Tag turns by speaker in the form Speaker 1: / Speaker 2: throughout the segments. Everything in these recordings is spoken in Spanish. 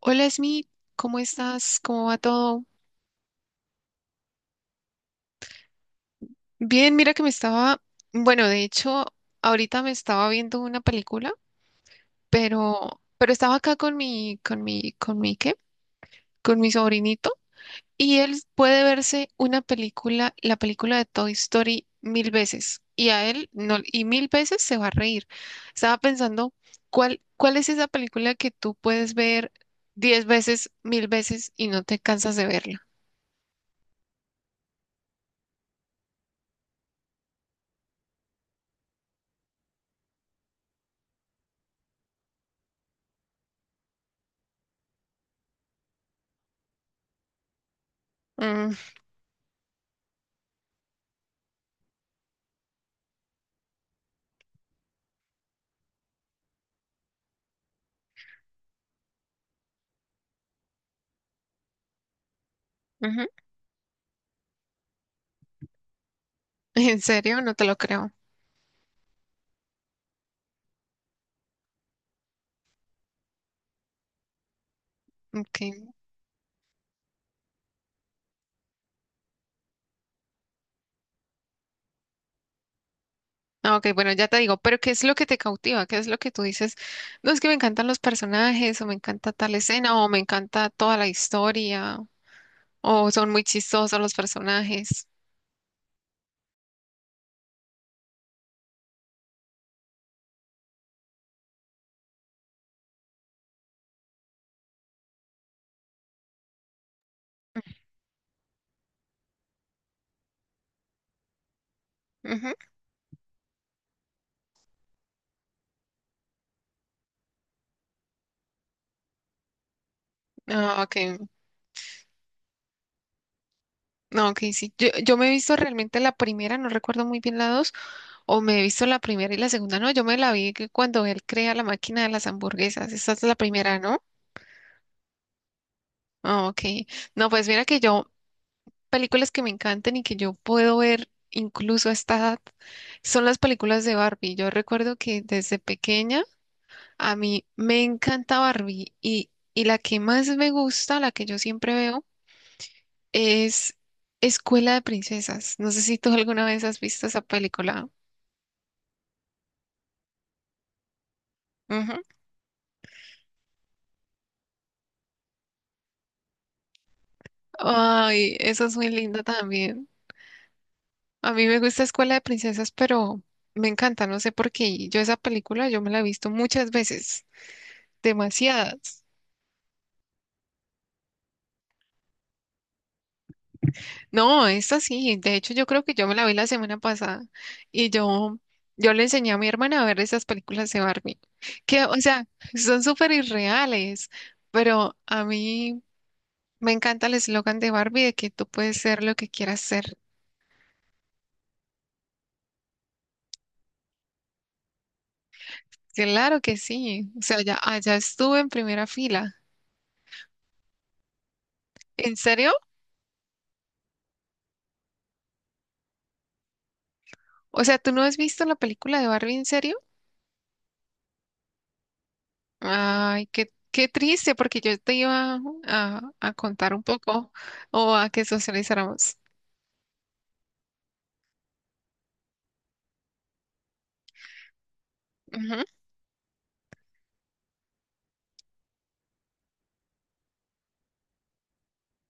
Speaker 1: Hola Smith, ¿cómo estás? ¿Cómo va todo? Bien, mira que me estaba, bueno, de hecho, ahorita me estaba viendo una película, pero estaba acá con mi, ¿qué? Con mi sobrinito y él puede verse una película, la película de Toy Story mil veces y a él no, y mil veces se va a reír. Estaba pensando, ¿cuál es esa película que tú puedes ver diez veces, mil veces y no te cansas de verla? Mm, ujú. ¿En serio? No te lo creo. Okay. Ah, ok, bueno, ya te digo, pero ¿qué es lo que te cautiva? ¿Qué es lo que tú dices? No es que me encantan los personajes, o me encanta tal escena, o me encanta toda la historia, o son muy chistosos los personajes. Ujú. Ah, ok. No, ok, sí. Yo me he visto realmente la primera, no recuerdo muy bien la dos, o me he visto la primera y la segunda, no, yo me la vi que cuando él crea la máquina de las hamburguesas. Esa es la primera, ¿no? Ah, ok. No, pues mira que yo películas que me encantan y que yo puedo ver incluso a esta edad son las películas de Barbie. Yo recuerdo que desde pequeña a mí me encanta Barbie y la que más me gusta, la que yo siempre veo, es Escuela de Princesas. No sé si tú alguna vez has visto esa película. Ujú. Ay, eso es muy lindo también. A mí me gusta Escuela de Princesas, pero me encanta, no sé por qué. Yo esa película yo me la he visto muchas veces, demasiadas. No, esta sí, de hecho yo creo que yo me la vi la semana pasada y yo le enseñé a mi hermana a ver esas películas de Barbie, que o sea, son súper irreales, pero a mí me encanta el eslogan de Barbie de que tú puedes ser lo que quieras ser. Claro que sí, o sea, ya, allá estuve en primera fila. ¿En serio? O sea, ¿tú no has visto la película de Barbie en serio? Ay, qué triste, porque yo te iba a contar un poco o a que socializáramos. Ujú.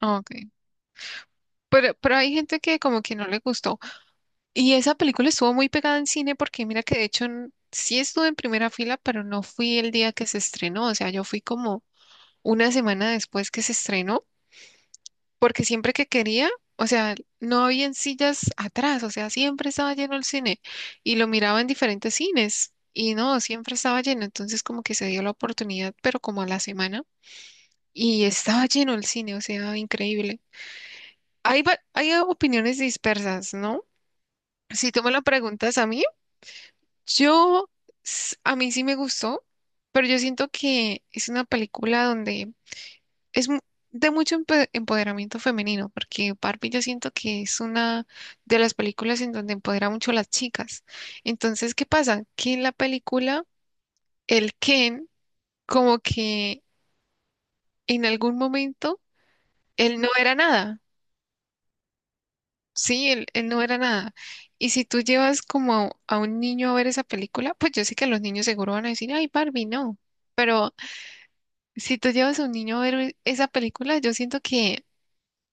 Speaker 1: Ah, ok. Pero hay gente que como que no le gustó. Y esa película estuvo muy pegada en cine porque mira que de hecho sí estuve en primera fila, pero no fui el día que se estrenó. O sea, yo fui como una semana después que se estrenó, porque siempre que quería, o sea, no había sillas atrás, o sea, siempre estaba lleno el cine y lo miraba en diferentes cines y no, siempre estaba lleno. Entonces como que se dio la oportunidad, pero como a la semana y estaba lleno el cine, o sea, increíble. Hay opiniones dispersas, ¿no? Si tú me lo preguntas a mí, yo, a mí sí me gustó, pero yo siento que es una película donde es mu- de mucho empoderamiento femenino, porque Barbie yo siento que es una de las películas en donde empodera mucho a las chicas. Entonces, ¿qué pasa? Que en la película, el Ken, como que en algún momento, él no era nada. Sí, él no era nada. Y si tú llevas como a, un niño a ver esa película, pues yo sé que los niños seguro van a decir, ay, Barbie, no. Pero si tú llevas a un niño a ver esa película, yo siento que,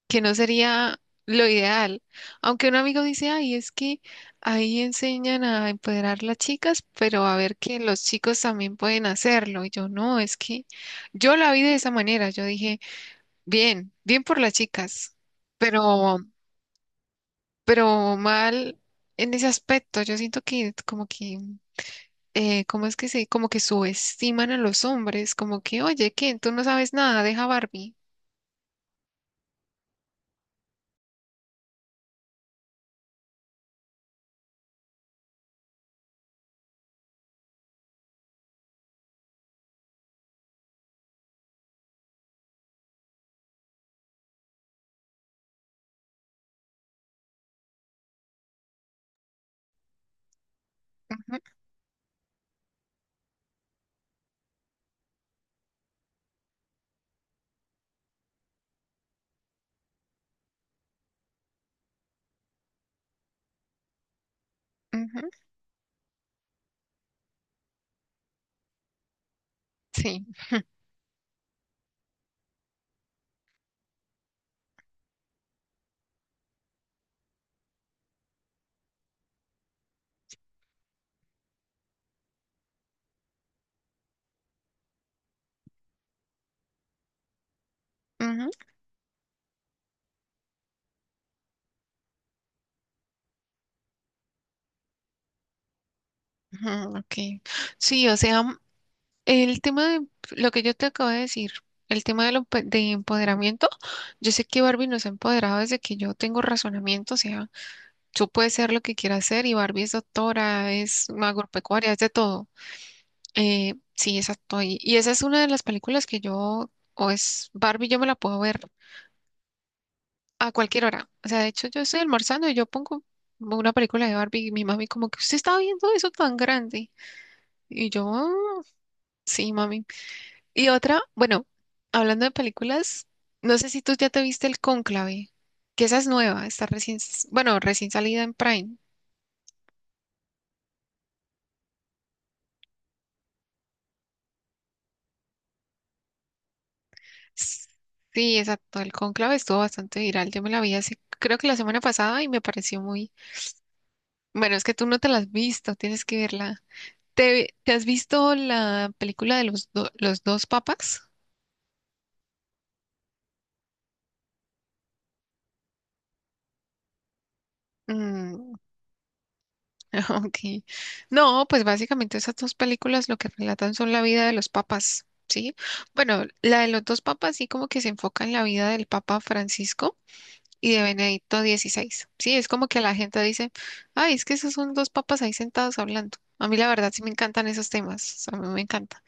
Speaker 1: que no sería lo ideal. Aunque un amigo dice, ay, es que ahí enseñan a empoderar las chicas, pero a ver que los chicos también pueden hacerlo. Y yo, no, es que yo la vi de esa manera. Yo dije, bien, bien por las chicas, pero pero mal en ese aspecto. Yo siento que como que, ¿cómo como que subestiman a los hombres, como que, oye, ¿qué? Tú no sabes nada, deja Barbie. Ujú, ujú, sí, ujú, ujú, ok. Sí, o sea, el tema de lo que yo te acabo de decir, el tema de empoderamiento, yo sé que Barbie nos ha empoderado desde que yo tengo razonamiento, o sea, tú puedes ser lo que quieras ser y Barbie es doctora, es agropecuaria, es de todo. Sí, exacto. Y esa es una de las películas que yo, o es Barbie, yo me la puedo ver a cualquier hora. O sea, de hecho, yo estoy almorzando y yo pongo una película de Barbie y mi mami como que usted está viendo eso tan grande. Y yo, "Ah, sí, mami". Y otra, bueno, hablando de películas, no sé si tú ya te viste El Cónclave, que esa es nueva, está recién, bueno, recién salida en Prime. Sí, exacto. El Cónclave estuvo bastante viral. Yo me la vi hace, creo que la semana pasada y me pareció muy, bueno, es que tú no te la has visto, tienes que verla. ¿Te has visto la película de los dos papas? Mm, ok. No, pues básicamente esas dos películas lo que relatan son la vida de los papas, ¿sí? Bueno, la de los dos papas sí como que se enfoca en la vida del Papa Francisco y de Benedicto XVI, ¿sí? Es como que la gente dice, ay, es que esos son dos papas ahí sentados hablando. A mí la verdad sí me encantan esos temas, a mí me encanta.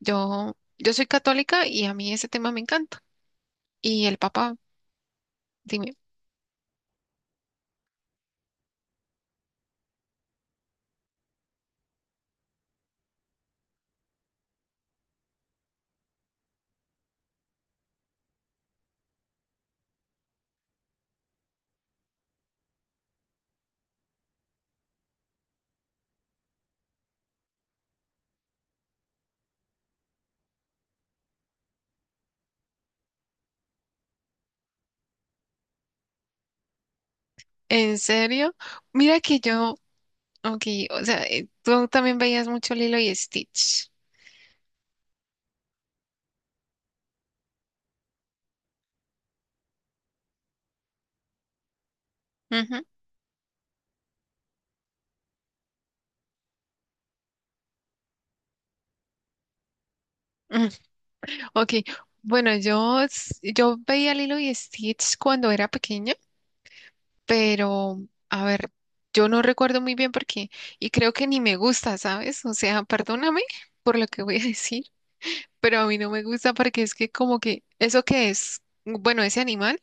Speaker 1: Yo soy católica y a mí ese tema me encanta. Y el papá, dime, ¿en serio? Mira que yo, ok, o sea, tú también veías mucho Lilo y Stitch. Ujú, ujú, ok, bueno, yo veía Lilo y Stitch cuando era pequeña, pero, a ver, yo no recuerdo muy bien por qué, y creo que ni me gusta, ¿sabes? O sea, perdóname por lo que voy a decir, pero a mí no me gusta porque es que como que, ¿eso qué es? Bueno, ese animal,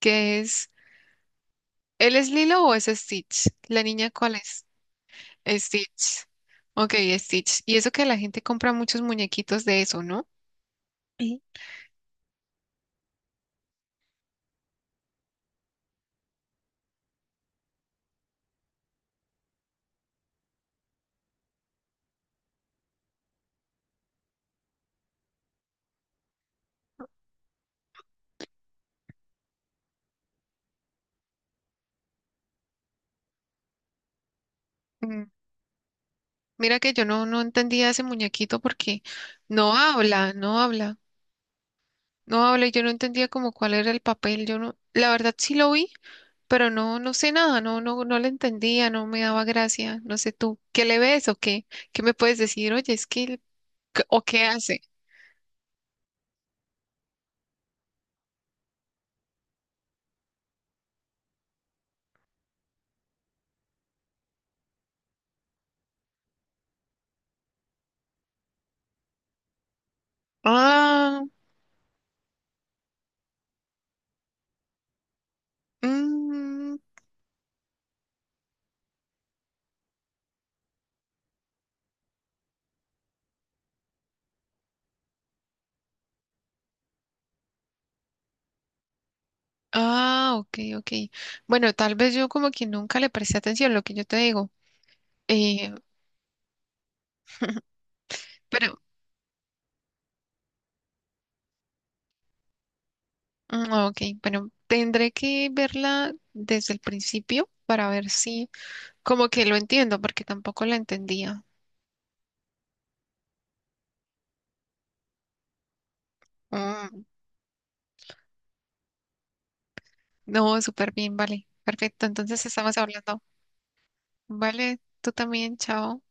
Speaker 1: ¿qué es? ¿Él es Lilo o es Stitch? ¿La niña cuál es? Stitch. Ok, Stitch. Y eso que la gente compra muchos muñequitos de eso, ¿no? Y Mm, Mira que yo no entendía ese muñequito porque no habla, no habla, no habla y yo no entendía como cuál era el papel. Yo no, la verdad sí lo vi, pero no sé nada, no, no, no le entendía, no me daba gracia. No sé tú, ¿qué le ves o qué? ¿Qué me puedes decir? Oye, es que, o qué hace? Ah, mm, ah, ok, ok. Bueno, tal vez yo como que nunca le presté atención a lo que yo te digo. Eh, pero, ok, bueno, tendré que verla desde el principio para ver si como que lo entiendo, porque tampoco la entendía. Mm, no, súper bien, vale. Perfecto, entonces estamos hablando. Vale, tú también, chao.